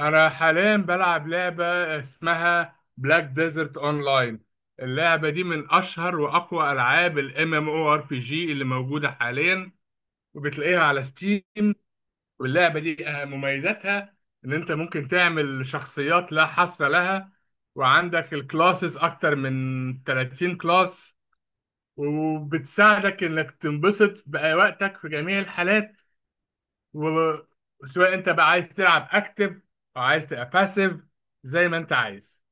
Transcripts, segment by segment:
انا حاليا بلعب لعبه اسمها بلاك ديزرت اونلاين. اللعبه دي من اشهر واقوى العاب الام ام او ار بي جي اللي موجوده حاليا، وبتلاقيها على ستيم. واللعبه دي أهم مميزاتها ان انت ممكن تعمل شخصيات لا حصر لها، وعندك الكلاسز اكتر من 30 كلاس، وبتساعدك انك تنبسط بوقتك في جميع الحالات. وسواء انت بقى عايز تلعب اكتف او عايز تبقى باسيف، زي ما انت عايز.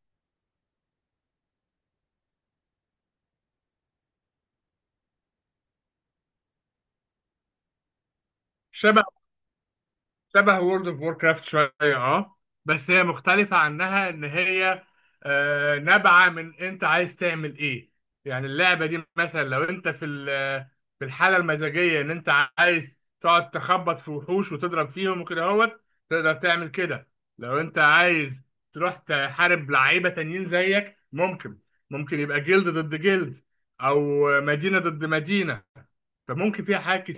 شبه شبه وورلد اوف وور كرافت شويه. اه، بس هي مختلفه عنها ان هي نابعه من انت عايز تعمل ايه. يعني اللعبه دي مثلا لو انت في الحاله المزاجيه ان انت عايز تقعد تخبط في وحوش وتضرب فيهم وكده اهوت، تقدر تعمل كده. لو انت عايز تروح تحارب لعيبه تانيين زيك، ممكن يبقى جلد ضد جلد او مدينه ضد مدينه، فممكن فيها حاجات.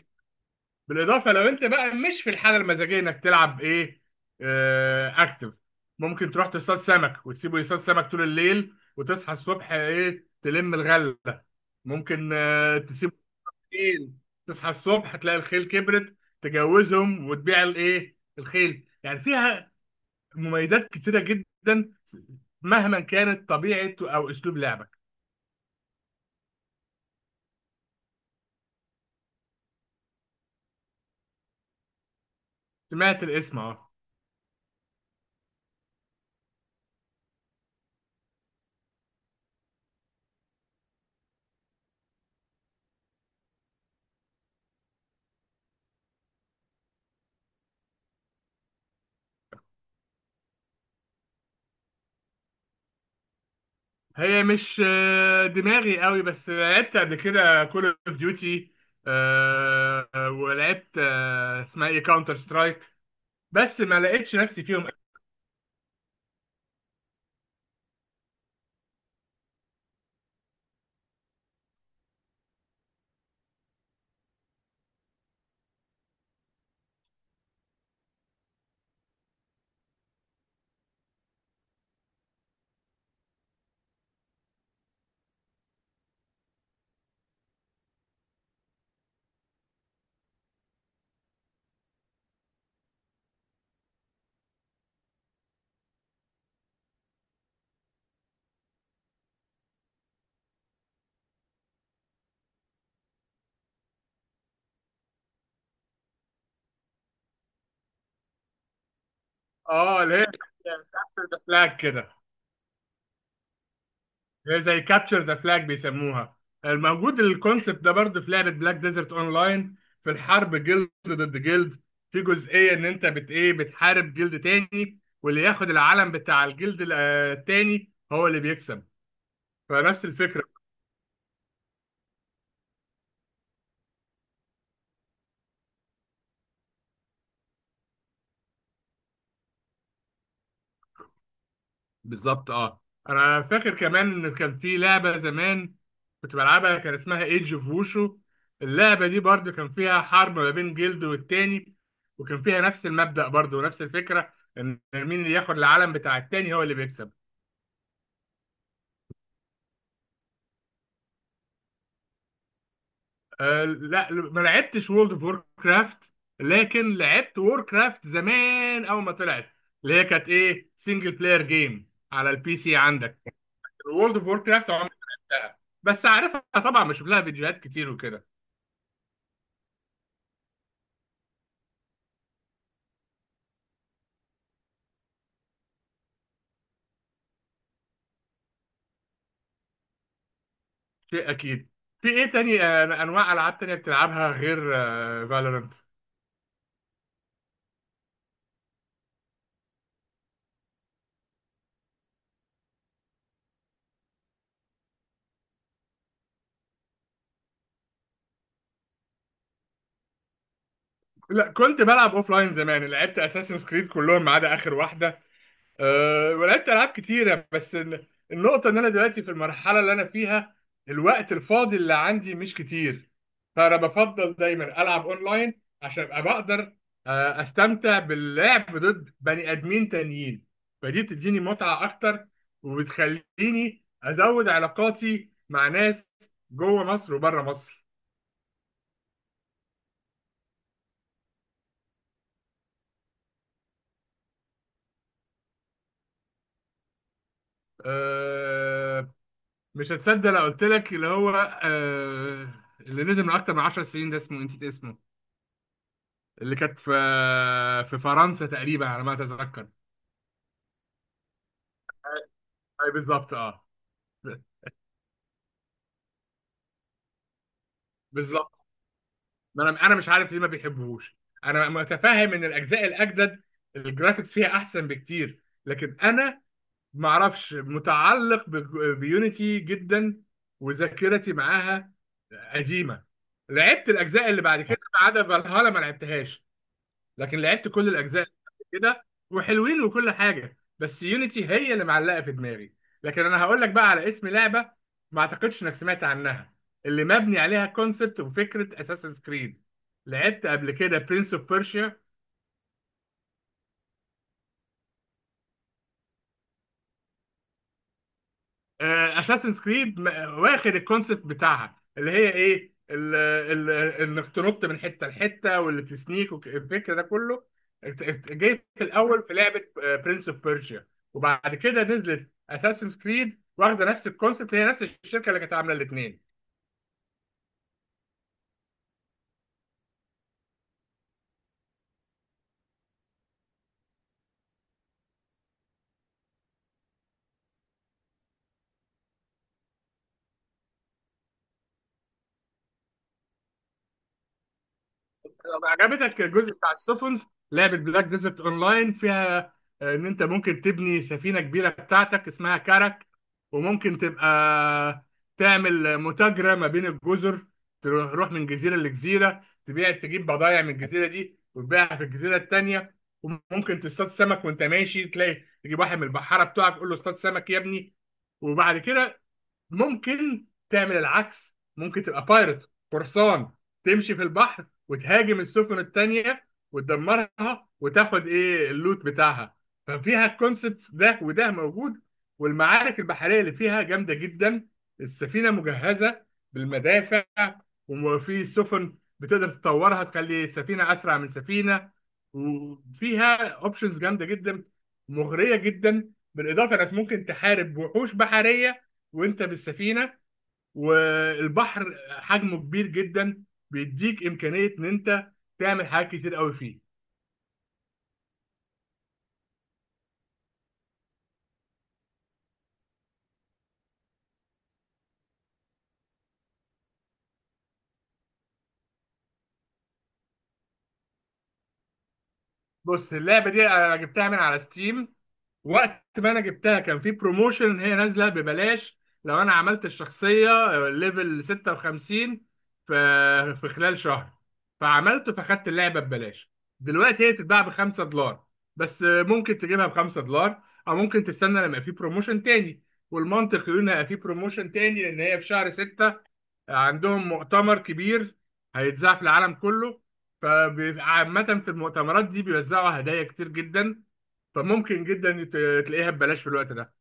بالاضافه لو انت بقى مش في الحاله المزاجيه انك تلعب ايه، آه اكتف، ممكن تروح تصطاد سمك وتسيبه يصطاد سمك طول الليل وتصحى الصبح ايه تلم الغله. ممكن تسيبه خيل، تصحى الصبح تلاقي الخيل كبرت، تجوزهم وتبيع الايه الخيل. يعني فيها مميزات كتيره جدا، مهما كانت طبيعه او اسلوب لعبك. سمعت الاسم اهو. هي مش دماغي قوي، بس لعبت قبل كده كول اوف ديوتي، ولعبت اسمها ايه كاونتر سترايك، بس ما لقيتش نفسي فيهم. اه، اللي هي كابتشر ذا فلاج كده. اللي هي زي كابتشر ذا فلاج بيسموها. الموجود الكونسبت ده برضه في لعبه بلاك ديزرت لاين، في الحرب جلد ضد جلد، في جزئيه ان انت بت ايه بتحارب جلد تاني، واللي ياخد العلم بتاع الجلد التاني هو اللي بيكسب. فنفس الفكره. بالظبط اه. انا فاكر كمان ان كان في لعبه زمان كنت بلعبها، كان اسمها ايدج اوف ووشو. اللعبه دي برضو كان فيها حرب ما بين جلد والتاني، وكان فيها نفس المبدأ برضو ونفس الفكره، ان مين اللي ياخد العالم بتاع التاني هو اللي بيكسب. آه لا، ما لعبتش وورلد اوف وور كرافت، لكن لعبت وور كرافت زمان اول ما طلعت، اللي هي كانت ايه سنجل بلاير جيم على البي سي عندك. وورلد اوف وور كرافت عمري ما لعبتها، بس عارفها طبعا، بشوف لها فيديوهات كتير وكده. شيء اكيد. في ايه تاني انواع العاب تانية بتلعبها غير فالورنت؟ لا، كنت بلعب اوف لاين زمان، لعبت اساسن كريد كلهم ما عدا اخر واحده. أه، ولعبت العاب كتيره، بس النقطه ان انا دلوقتي في المرحله اللي انا فيها الوقت الفاضي اللي عندي مش كتير. فانا بفضل دايما العب اونلاين عشان ابقى بقدر استمتع باللعب ضد بني ادمين تانيين. فدي بتديني متعه اكتر، وبتخليني ازود علاقاتي مع ناس جوه مصر وبره مصر. أه، مش هتصدق لو قلت لك اللي هو، أه، اللي نزل من اكتر من 10 سنين ده، اسمه نسيت اسمه، اللي كانت في في فرنسا تقريبا على ما اتذكر. اي بالظبط اه. ب- بالظبط. ما انا مش عارف ليه ما بيحبوهوش. انا متفاهم ان الاجزاء الاجدد الجرافيكس فيها احسن بكتير، لكن انا ما اعرفش، متعلق بيونيتي جدا، وذاكرتي معاها قديمه. لعبت الاجزاء اللي بعد كده ما عدا فالهالا ما لعبتهاش، لكن لعبت كل الاجزاء كده، وحلوين وكل حاجه، بس يونيتي هي اللي معلقه في دماغي. لكن انا هقول لك بقى على اسم لعبه ما اعتقدش انك سمعت عنها، اللي مبني عليها كونسبت وفكره اساسن كريد. لعبت قبل كده برنس اوف بيرشيا. اساسن كريد واخد الكونسيبت بتاعها، اللي هي ايه ال- انك تنط من حته لحته واللي تسنيك الفكر ده كله جاي في الاول في لعبه برنس اوف بيرجيا، وبعد كده نزلت اساسن كريد واخده نفس الكونسيبت، هي نفس الشركه اللي كانت عامله الاثنين. لو عجبتك الجزء بتاع السفن، لعبة بلاك ديزرت اونلاين فيها ان انت ممكن تبني سفينة كبيرة بتاعتك اسمها كارك، وممكن تبقى تعمل متاجرة ما بين الجزر، تروح من جزيرة لجزيرة، تبيع تجيب بضايع من الجزيرة دي وتبيعها في الجزيرة التانية. وممكن تصطاد سمك وانت ماشي، تلاقي تجيب واحد من البحارة بتوعك تقول له اصطاد سمك يا ابني، وبعد كده ممكن تعمل العكس. ممكن تبقى بايرت قرصان، تمشي في البحر وتهاجم السفن التانية وتدمرها وتاخد ايه اللوت بتاعها. ففيها الكونسبتس ده وده موجود، والمعارك البحرية اللي فيها جامدة جدا. السفينة مجهزة بالمدافع. وفي سفن بتقدر تطورها تخلي سفينة أسرع من سفينة، وفيها اوبشنز جامدة جدا، مغرية جدا. بالإضافة إنك ممكن تحارب وحوش بحرية وانت بالسفينه، والبحر حجمه كبير جدا، بيديك امكانيه ان انت تعمل حاجات كتير قوي فيه. بص اللعبه دي انا جبتها من على ستيم، وقت ما انا جبتها كان في بروموشن، هي نازله ببلاش لو انا عملت الشخصيه ليفل 56 في خلال شهر، فعملته فخدت اللعبه ببلاش. دلوقتي هي بتتباع ب 5 دولار. بس ممكن تجيبها ب 5 دولار، او ممكن تستنى لما يبقى في بروموشن تاني. والمنطق يقول ان هيبقى في بروموشن تاني، لان هي في شهر 6 عندهم مؤتمر كبير هيتذاع في العالم كله، فعامة في المؤتمرات دي بيوزعوا هدايا كتير جدا، فممكن جدا تلاقيها ببلاش في الوقت ده.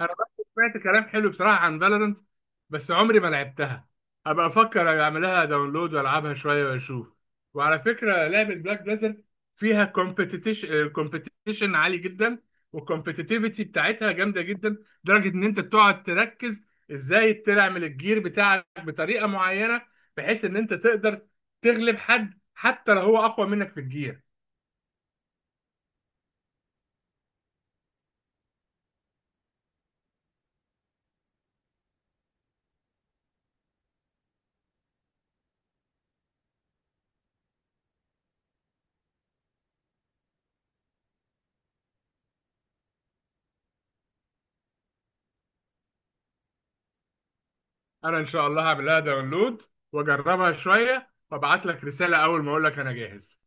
انا بس سمعت كلام حلو بصراحه عن فالورنت، بس عمري ما لعبتها. هبقى افكر اعملها داونلود والعبها شويه واشوف. وعلى فكره لعبه بلاك ديزرت فيها كومبيتيشن، عالي جدا، والكومبيتيتيفيتي بتاعتها جامده جدا، لدرجه ان انت تقعد تركز ازاي تعمل الجير بتاعك بطريقه معينه، بحيث ان انت تقدر تغلب حد حتى لو هو اقوى منك في الجير. انا ان شاء الله هعملها داونلود، واجربها شويه وابعت لك رساله اول ما اقول لك انا جاهز.